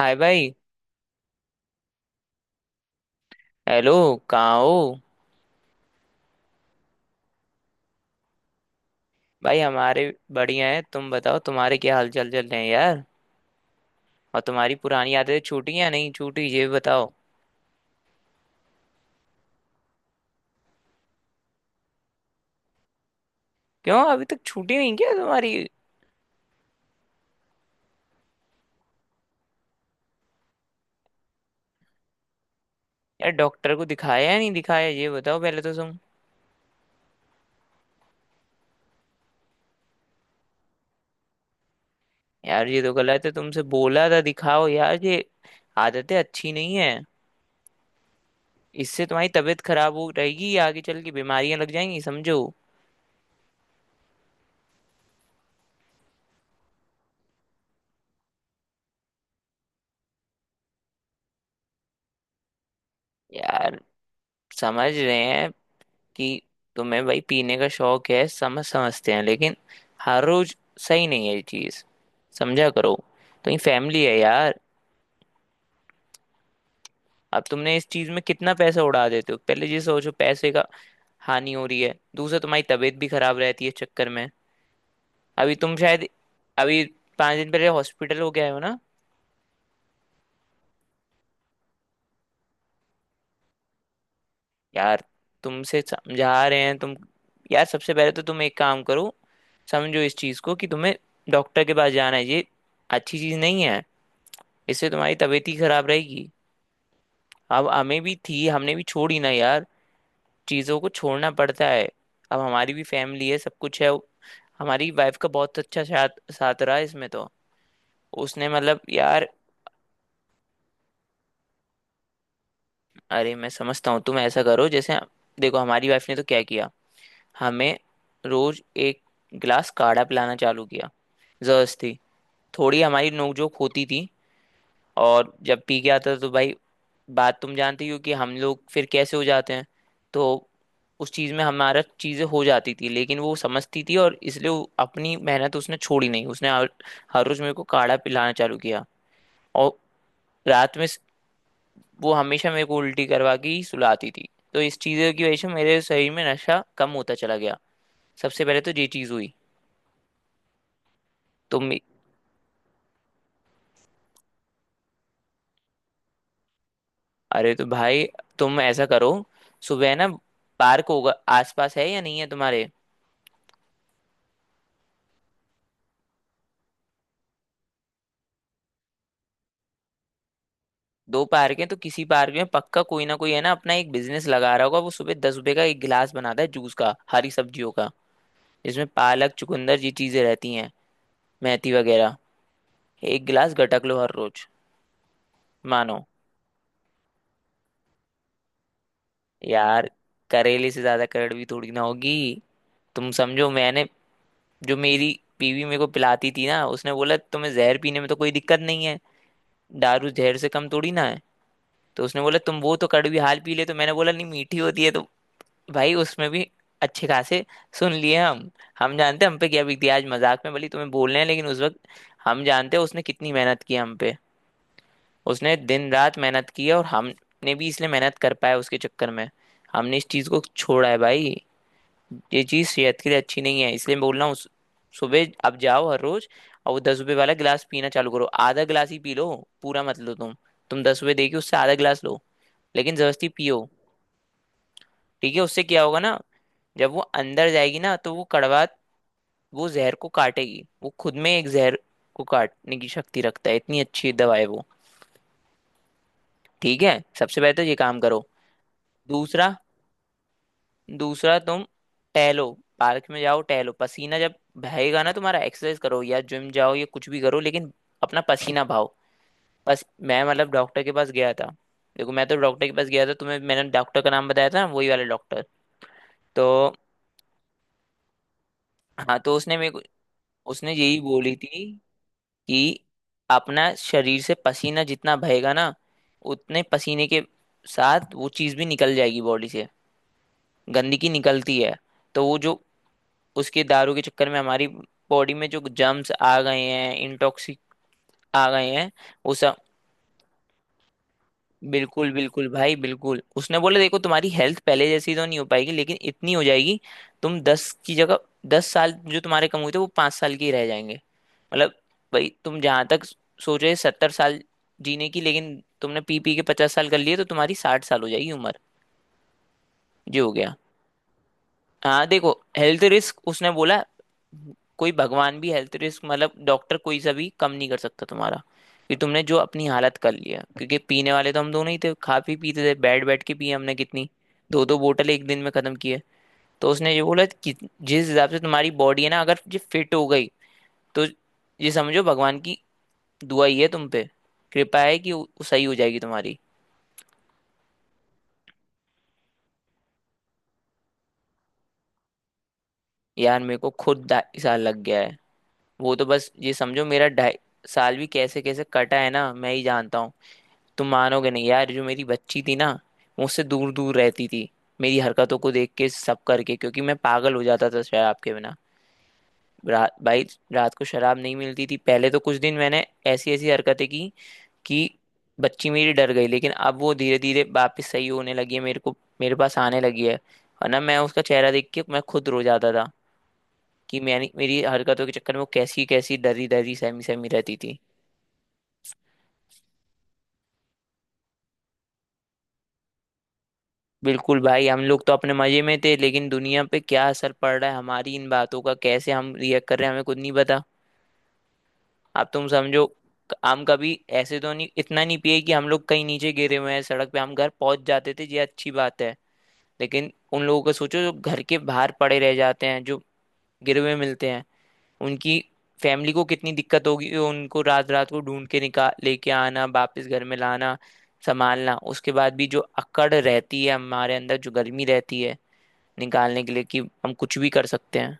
हाय भाई। हेलो। कहाँ हो। भाई हमारे बढ़िया है, तुम बताओ तुम्हारे क्या हालचाल चल रहे हैं यार। और तुम्हारी पुरानी आदतें छूटी या नहीं छूटी ये बताओ। क्यों अभी तक छूटी नहीं क्या तुम्हारी। यार डॉक्टर को दिखाया या नहीं दिखाया ये बताओ पहले तो तुम। यार ये तो गलत है, तुमसे बोला था दिखाओ, यार ये आदतें अच्छी नहीं है। इससे तुम्हारी तबीयत खराब हो रहेगी, आगे चल के बीमारियां लग जाएंगी समझो। यार समझ रहे हैं कि तुम्हें भाई पीने का शौक है, समझते हैं, लेकिन हर रोज सही नहीं है ये चीज, समझा करो। तो ये फैमिली है यार। अब तुमने इस चीज में कितना पैसा उड़ा देते हो पहले ये सोचो, पैसे का हानि हो रही है, दूसरा तुम्हारी तबीयत भी खराब रहती है इस चक्कर में। अभी तुम शायद अभी 5 दिन पहले हॉस्पिटल हो गए हो ना। यार तुमसे समझा रहे हैं तुम। यार सबसे पहले तो तुम एक काम करो, समझो इस चीज को कि तुम्हें डॉक्टर के पास जाना है, ये अच्छी चीज नहीं है, इससे तुम्हारी तबीयत ही खराब रहेगी। अब हमें भी थी, हमने भी छोड़ी ना यार, चीज़ों को छोड़ना पड़ता है। अब हमारी भी फैमिली है, सब कुछ है। हमारी वाइफ का बहुत अच्छा साथ साथ रहा इसमें तो। उसने मतलब यार। अरे मैं समझता हूँ, तुम ऐसा करो, जैसे देखो हमारी वाइफ ने तो क्या किया, हमें रोज एक गिलास काढ़ा पिलाना चालू किया जबरदस्ती। थोड़ी हमारी नोकझोंक होती थी, और जब पी के आता था तो भाई बात तुम जानती हो कि हम लोग फिर कैसे हो जाते हैं। तो उस चीज में हमारा चीजें हो जाती थी, लेकिन वो समझती थी और इसलिए वो अपनी मेहनत उसने छोड़ी नहीं, उसने हर रोज मेरे को काढ़ा पिलाना चालू किया। और रात में वो हमेशा मेरे को उल्टी करवा के ही सुलाती थी, तो इस चीज की वजह से मेरे शरीर में नशा कम होता चला गया। सबसे पहले तो ये चीज हुई। तुम अरे तो भाई तुम ऐसा करो, सुबह ना पार्क होगा आसपास, है या नहीं है तुम्हारे। दो पार्क हैं तो किसी पार्क में पक्का कोई ना कोई है ना अपना एक बिजनेस लगा रहा होगा, वो सुबह 10 रुपए का एक गिलास बनाता है जूस का, हरी सब्जियों का, जिसमें पालक, चुकंदर ये चीजें रहती हैं, मेथी वगैरह। एक गिलास गटक लो हर रोज। मानो यार, करेले से ज्यादा कड़वी थोड़ी ना होगी। तुम समझो, मैंने जो मेरी बीवी मेरे को पिलाती थी ना, उसने बोला तुम्हें जहर पीने में तो कोई दिक्कत नहीं है, दारू जहर से कम थोड़ी ना है। तो उसने बोला तुम वो तो कड़वी हाल पी ले, तो मैंने बोला नहीं मीठी होती है तो। भाई उसमें भी अच्छे खासे सुन लिए हम जानते हैं हम पे क्या बीती है। आज मजाक में भली तुम्हें बोल रहे हैं लेकिन उस वक्त हम जानते हैं उसने कितनी मेहनत की हम पे, उसने दिन रात मेहनत की है, और हमने भी इसलिए मेहनत कर पाया उसके चक्कर में, हमने इस चीज को छोड़ा है भाई। ये चीज सेहत के लिए अच्छी नहीं है, इसलिए मैं बोल रहा हूँ, सुबह आप जाओ हर रोज, और वो 10 रुपए वाला गिलास पीना चालू करो, आधा गिलास ही पी लो, पूरा मत लो तुम 10 रुपए देके उससे आधा गिलास लो, लेकिन जबरदस्ती पियो। ठीक है, उससे क्या होगा ना, जब वो अंदर जाएगी ना तो वो कड़वा, वो जहर को काटेगी, वो खुद में एक जहर को काटने की शक्ति रखता है, इतनी अच्छी दवा है वो। ठीक है सबसे पहले तो ये काम करो। दूसरा दूसरा तुम टहलो, पार्क में जाओ टहलो, पसीना जब बहेगा ना तुम्हारा, एक्सरसाइज करो या जिम जाओ या कुछ भी करो, लेकिन अपना पसीना बहाओ बस। मैं मतलब डॉक्टर के पास गया था, देखो मैं तो डॉक्टर के पास गया था, तुम्हें मैंने डॉक्टर का नाम बताया था ना वही वाला डॉक्टर, तो हाँ तो उसने मेरे को, उसने यही बोली थी कि अपना शरीर से पसीना जितना बहेगा ना, उतने पसीने के साथ वो चीज़ भी निकल जाएगी बॉडी से, गंदगी निकलती है। तो वो जो उसके दारू के चक्कर में हमारी बॉडी में जो जर्म्स आ गए हैं, इंटॉक्सिक आ गए हैं वो सब, बिल्कुल बिल्कुल भाई बिल्कुल, उसने बोला देखो तुम्हारी हेल्थ पहले जैसी तो नहीं हो पाएगी लेकिन इतनी हो जाएगी, तुम 10 की जगह, 10 साल जो तुम्हारे कम हुए थे वो 5 साल के ही रह जाएंगे। मतलब भाई तुम जहां तक सोच रहे 70 साल जीने की, लेकिन तुमने पी पी के 50 साल कर लिए, तो तुम्हारी 60 साल हो जाएगी उम्र। जी हो गया। हाँ देखो हेल्थ रिस्क, उसने बोला कोई भगवान भी हेल्थ रिस्क मतलब डॉक्टर कोई सा भी कम नहीं कर सकता तुम्हारा, कि तुमने जो अपनी हालत कर लिया, क्योंकि पीने वाले तो हम दोनों ही थे, खा पी पीते थे, बैठ बैठ के पिए हमने कितनी, दो दो बोतल एक दिन में खत्म की है। तो उसने ये बोला कि जिस हिसाब से तुम्हारी बॉडी है ना अगर ये फिट हो गई, तो ये समझो भगवान की दुआ ही है, तुम पे कृपा है कि वो सही हो जाएगी तुम्हारी। यार मेरे को खुद 2.5 साल लग गया है, वो तो बस ये समझो, मेरा 2.5 साल भी कैसे कैसे कटा है ना, मैं ही जानता हूँ। तुम मानोगे नहीं यार, जो मेरी बच्ची थी ना, मुझसे दूर दूर रहती थी, मेरी हरकतों को देख के सब करके, क्योंकि मैं पागल हो जाता था शराब के बिना। रात भाई, रात को शराब नहीं मिलती थी पहले तो कुछ दिन, मैंने ऐसी ऐसी हरकतें की कि बच्ची मेरी डर गई, लेकिन अब वो धीरे धीरे वापस सही होने लगी है, मेरे को मेरे पास आने लगी है। और ना मैं उसका चेहरा देख के मैं खुद रो जाता था, कि मैंने मेरी हरकतों के चक्कर में वो कैसी कैसी डरी डरी सहमी सहमी रहती थी। बिल्कुल भाई हम लोग तो अपने मजे में थे, लेकिन दुनिया पे क्या असर पड़ रहा है हमारी इन बातों का, कैसे हम रिएक्ट कर रहे हैं हमें खुद नहीं पता, आप तुम समझो। हम कभी ऐसे तो नहीं, इतना नहीं पिए कि हम लोग कहीं नीचे गिरे हुए हैं सड़क पे, हम घर पहुंच जाते थे ये अच्छी बात है। लेकिन उन लोगों का सोचो जो घर के बाहर पड़े रह जाते हैं, जो गिरे हुए मिलते हैं, उनकी फैमिली को कितनी दिक्कत होगी उनको, रात रात को ढूंढ के निकाल लेके आना वापस घर में लाना, संभालना, उसके बाद भी जो अकड़ रहती है हमारे अंदर, जो गर्मी रहती है निकालने के लिए कि हम कुछ भी कर सकते हैं।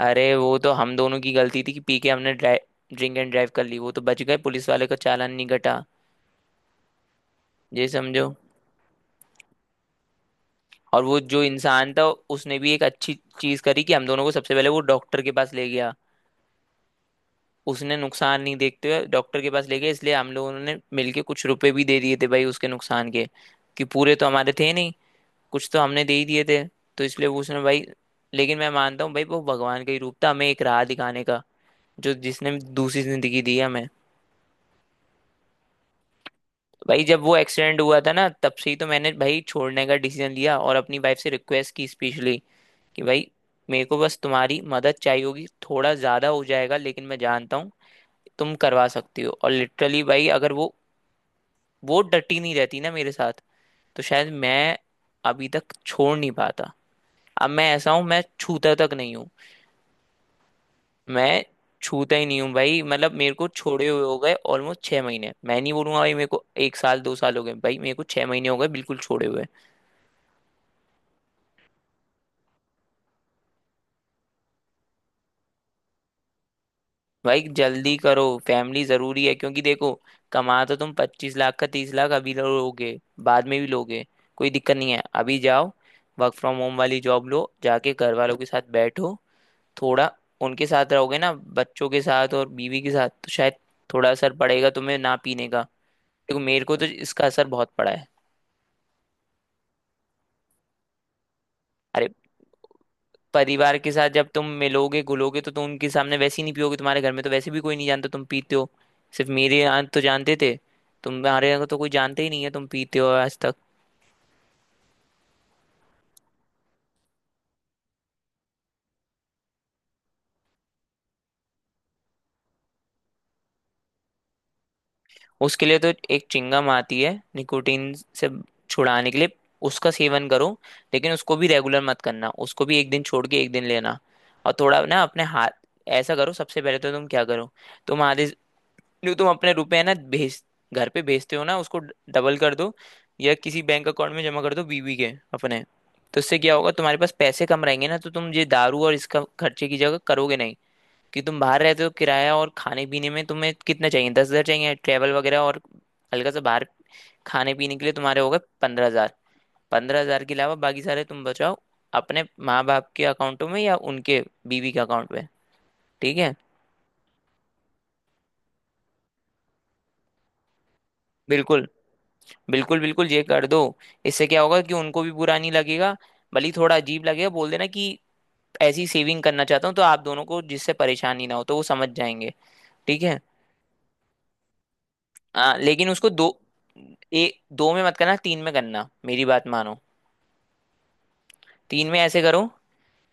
अरे वो तो हम दोनों की गलती थी कि पी के हमने ड्रिंक एंड ड्राइव कर ली, वो तो बच गए पुलिस वाले का चालान नहीं कटा, ये समझो। और वो जो इंसान था उसने भी एक अच्छी चीज करी कि हम दोनों को सबसे पहले वो डॉक्टर के पास ले गया, उसने नुकसान नहीं देखते हुए डॉक्टर के पास ले गया, इसलिए हम लोगों ने मिलके कुछ रुपए भी दे दिए थे भाई उसके नुकसान के, कि पूरे तो हमारे थे नहीं, कुछ तो हमने दे ही दिए थे। तो इसलिए वो उसने भाई, लेकिन मैं मानता हूँ भाई वो भगवान का ही रूप था हमें एक राह दिखाने का, जो जिसने दूसरी जिंदगी दी हमें तो। भाई जब वो एक्सीडेंट हुआ था ना, तब से ही तो मैंने भाई छोड़ने का डिसीजन लिया, और अपनी वाइफ से रिक्वेस्ट की स्पेशली कि भाई मेरे को बस तुम्हारी मदद चाहिए होगी, थोड़ा ज्यादा हो जाएगा लेकिन मैं जानता हूँ तुम करवा सकती हो। और लिटरली भाई अगर वो डटी नहीं रहती ना मेरे साथ, तो शायद मैं अभी तक छोड़ नहीं पाता। अब मैं ऐसा हूँ, मैं छूता तक नहीं हूँ, मैं छूता ही नहीं हूँ भाई, मतलब मेरे को छोड़े हुए हो गए ऑलमोस्ट 6 महीने। मैं नहीं बोलूंगा भाई मेरे को एक साल 2 साल हो गए, भाई मेरे को 6 महीने हो गए बिल्कुल छोड़े हुए। भाई जल्दी करो, फैमिली जरूरी है, क्योंकि देखो कमा तो तुम 25 लाख का 30 लाख अभी लोगे, बाद में भी लोगे, कोई दिक्कत नहीं है, अभी जाओ, वर्क फ्रॉम होम वाली जॉब लो, जाके घर वालों के साथ बैठो, थोड़ा उनके साथ रहोगे ना बच्चों के साथ और बीवी के साथ तो शायद थोड़ा असर पड़ेगा तुम्हें ना पीने का, देखो मेरे को तो इसका असर बहुत पड़ा है। अरे परिवार के साथ जब तुम मिलोगे घुलोगे तो तुम उनके सामने वैसे ही नहीं पियोगे, तुम्हारे घर में तो वैसे भी कोई नहीं जानता तुम पीते हो, सिर्फ मेरे यहाँ तो जानते थे, तुम्हारे यहाँ तो कोई जानते ही नहीं है तुम पीते हो आज तक। उसके लिए तो एक चिंगम आती है, निकोटीन से छुड़ाने के लिए, उसका सेवन करो, लेकिन उसको भी रेगुलर मत करना, उसको भी एक दिन छोड़ के एक दिन लेना। और थोड़ा ना अपने हाथ, ऐसा करो सबसे पहले तो तुम क्या करो तुम आधे, जो तुम अपने रुपए है ना भेज घर पे भेजते हो ना, उसको डबल कर दो। या किसी बैंक अकाउंट में जमा कर दो, बीवी के, अपने। तो इससे क्या होगा, तुम्हारे पास पैसे कम रहेंगे ना, तो तुम ये दारू और इसका खर्चे की जगह करोगे नहीं। कि तुम बाहर रहते हो, किराया और खाने पीने में तुम्हें कितना चाहिए, 10 हजार चाहिए, ट्रैवल वगैरह और हल्का सा बाहर खाने पीने के लिए तुम्हारे हो गए 15 हजार। 15 हजार के अलावा बाकी सारे तुम बचाओ, अपने माँ बाप के अकाउंटों में या उनके, बीवी के अकाउंट में। ठीक है। बिल्कुल, बिल्कुल बिल्कुल ये कर दो। इससे क्या होगा कि उनको भी बुरा नहीं लगेगा। भले ही थोड़ा अजीब लगेगा, बोल देना कि ऐसी सेविंग करना चाहता हूँ तो आप दोनों को जिससे परेशानी ना हो, तो वो समझ जाएंगे। ठीक है। लेकिन उसको दो, दो में मत करना, तीन में करना, मेरी बात मानो। तीन में ऐसे करो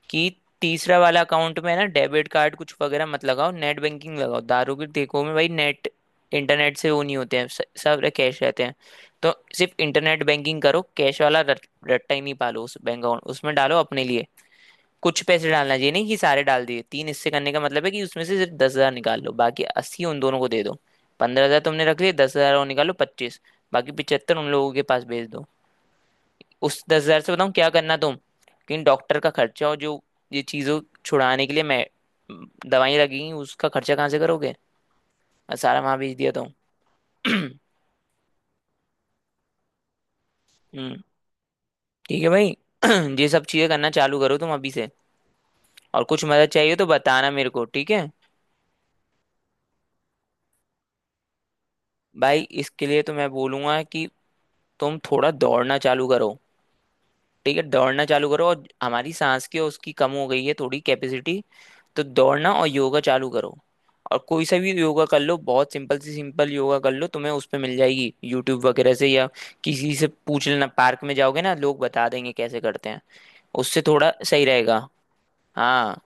कि तीसरा वाला अकाउंट में ना डेबिट कार्ड कुछ वगैरह मत लगाओ, नेट बैंकिंग लगाओ। दारू के ठेकों में भाई नेट, इंटरनेट से वो नहीं होते हैं, सब कैश रहते हैं। तो सिर्फ इंटरनेट बैंकिंग करो, कैश वाला रट्टा ही नहीं पालो। उस बैंक अकाउंट उसमें डालो अपने लिए कुछ पैसे। डालना चाहिए नहीं कि सारे डाल दिए। तीन हिस्से करने का मतलब है कि उसमें से सिर्फ 10 हजार निकाल लो, बाकी 80 उन दोनों को दे दो। 15 हजार तुमने रख लिए, 10 हजार और निकालो, 25। बाकी 75 उन लोगों के पास भेज दो। उस 10 हजार से बताऊँ क्या करना तुम। लेकिन डॉक्टर का खर्चा और जो ये चीज़ों छुड़ाने के लिए मैं, दवाई लगेंगी, उसका खर्चा कहाँ से करोगे? मैं सारा वहां भेज दिया तुम। हम्म। ठीक है भाई। ये सब चीजें करना चालू करो तुम अभी से। और कुछ मदद चाहिए तो बताना मेरे को, ठीक है भाई? इसके लिए तो मैं बोलूंगा कि तुम थोड़ा दौड़ना चालू करो। ठीक है, दौड़ना चालू करो, और हमारी सांस की और उसकी कम हो गई है थोड़ी कैपेसिटी। तो दौड़ना और योगा चालू करो। और कोई सा भी योगा कर लो, बहुत सिंपल सी सिंपल योगा कर लो, तुम्हें उस पे मिल जाएगी यूट्यूब वगैरह से। या किसी से पूछ लेना, पार्क में जाओगे ना, लोग बता देंगे कैसे करते हैं। उससे थोड़ा सही रहेगा हाँ,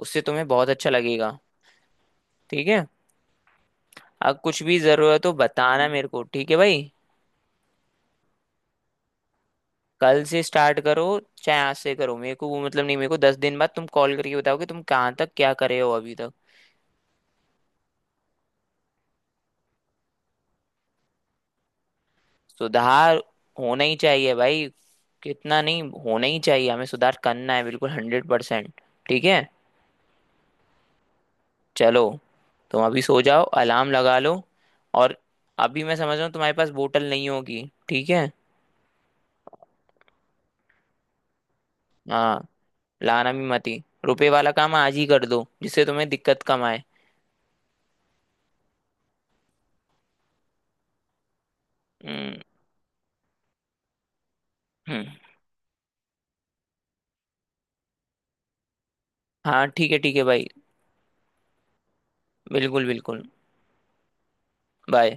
उससे तुम्हें बहुत अच्छा लगेगा। ठीक है। अब कुछ भी जरूरत हो बताना मेरे को, ठीक है भाई। कल से स्टार्ट करो, चाहे आज से करो, मेरे को वो मतलब नहीं। मेरे को 10 दिन बाद तुम कॉल करके बताओगे तुम कहाँ तक क्या करे हो अभी तक। सुधार होना ही चाहिए भाई, कितना नहीं, होना ही चाहिए, हमें सुधार करना है बिल्कुल 100%। ठीक है। चलो, तुम अभी सो जाओ, अलार्म लगा लो। और अभी मैं समझ रहा हूँ तुम्हारे पास बोतल नहीं होगी, ठीक है? हाँ, लाना भी मती। रुपए वाला काम आज ही कर दो, जिससे तुम्हें दिक्कत कम आए। हम्म, हम्म। हाँ, ठीक है भाई। बिल्कुल बिल्कुल। बाय।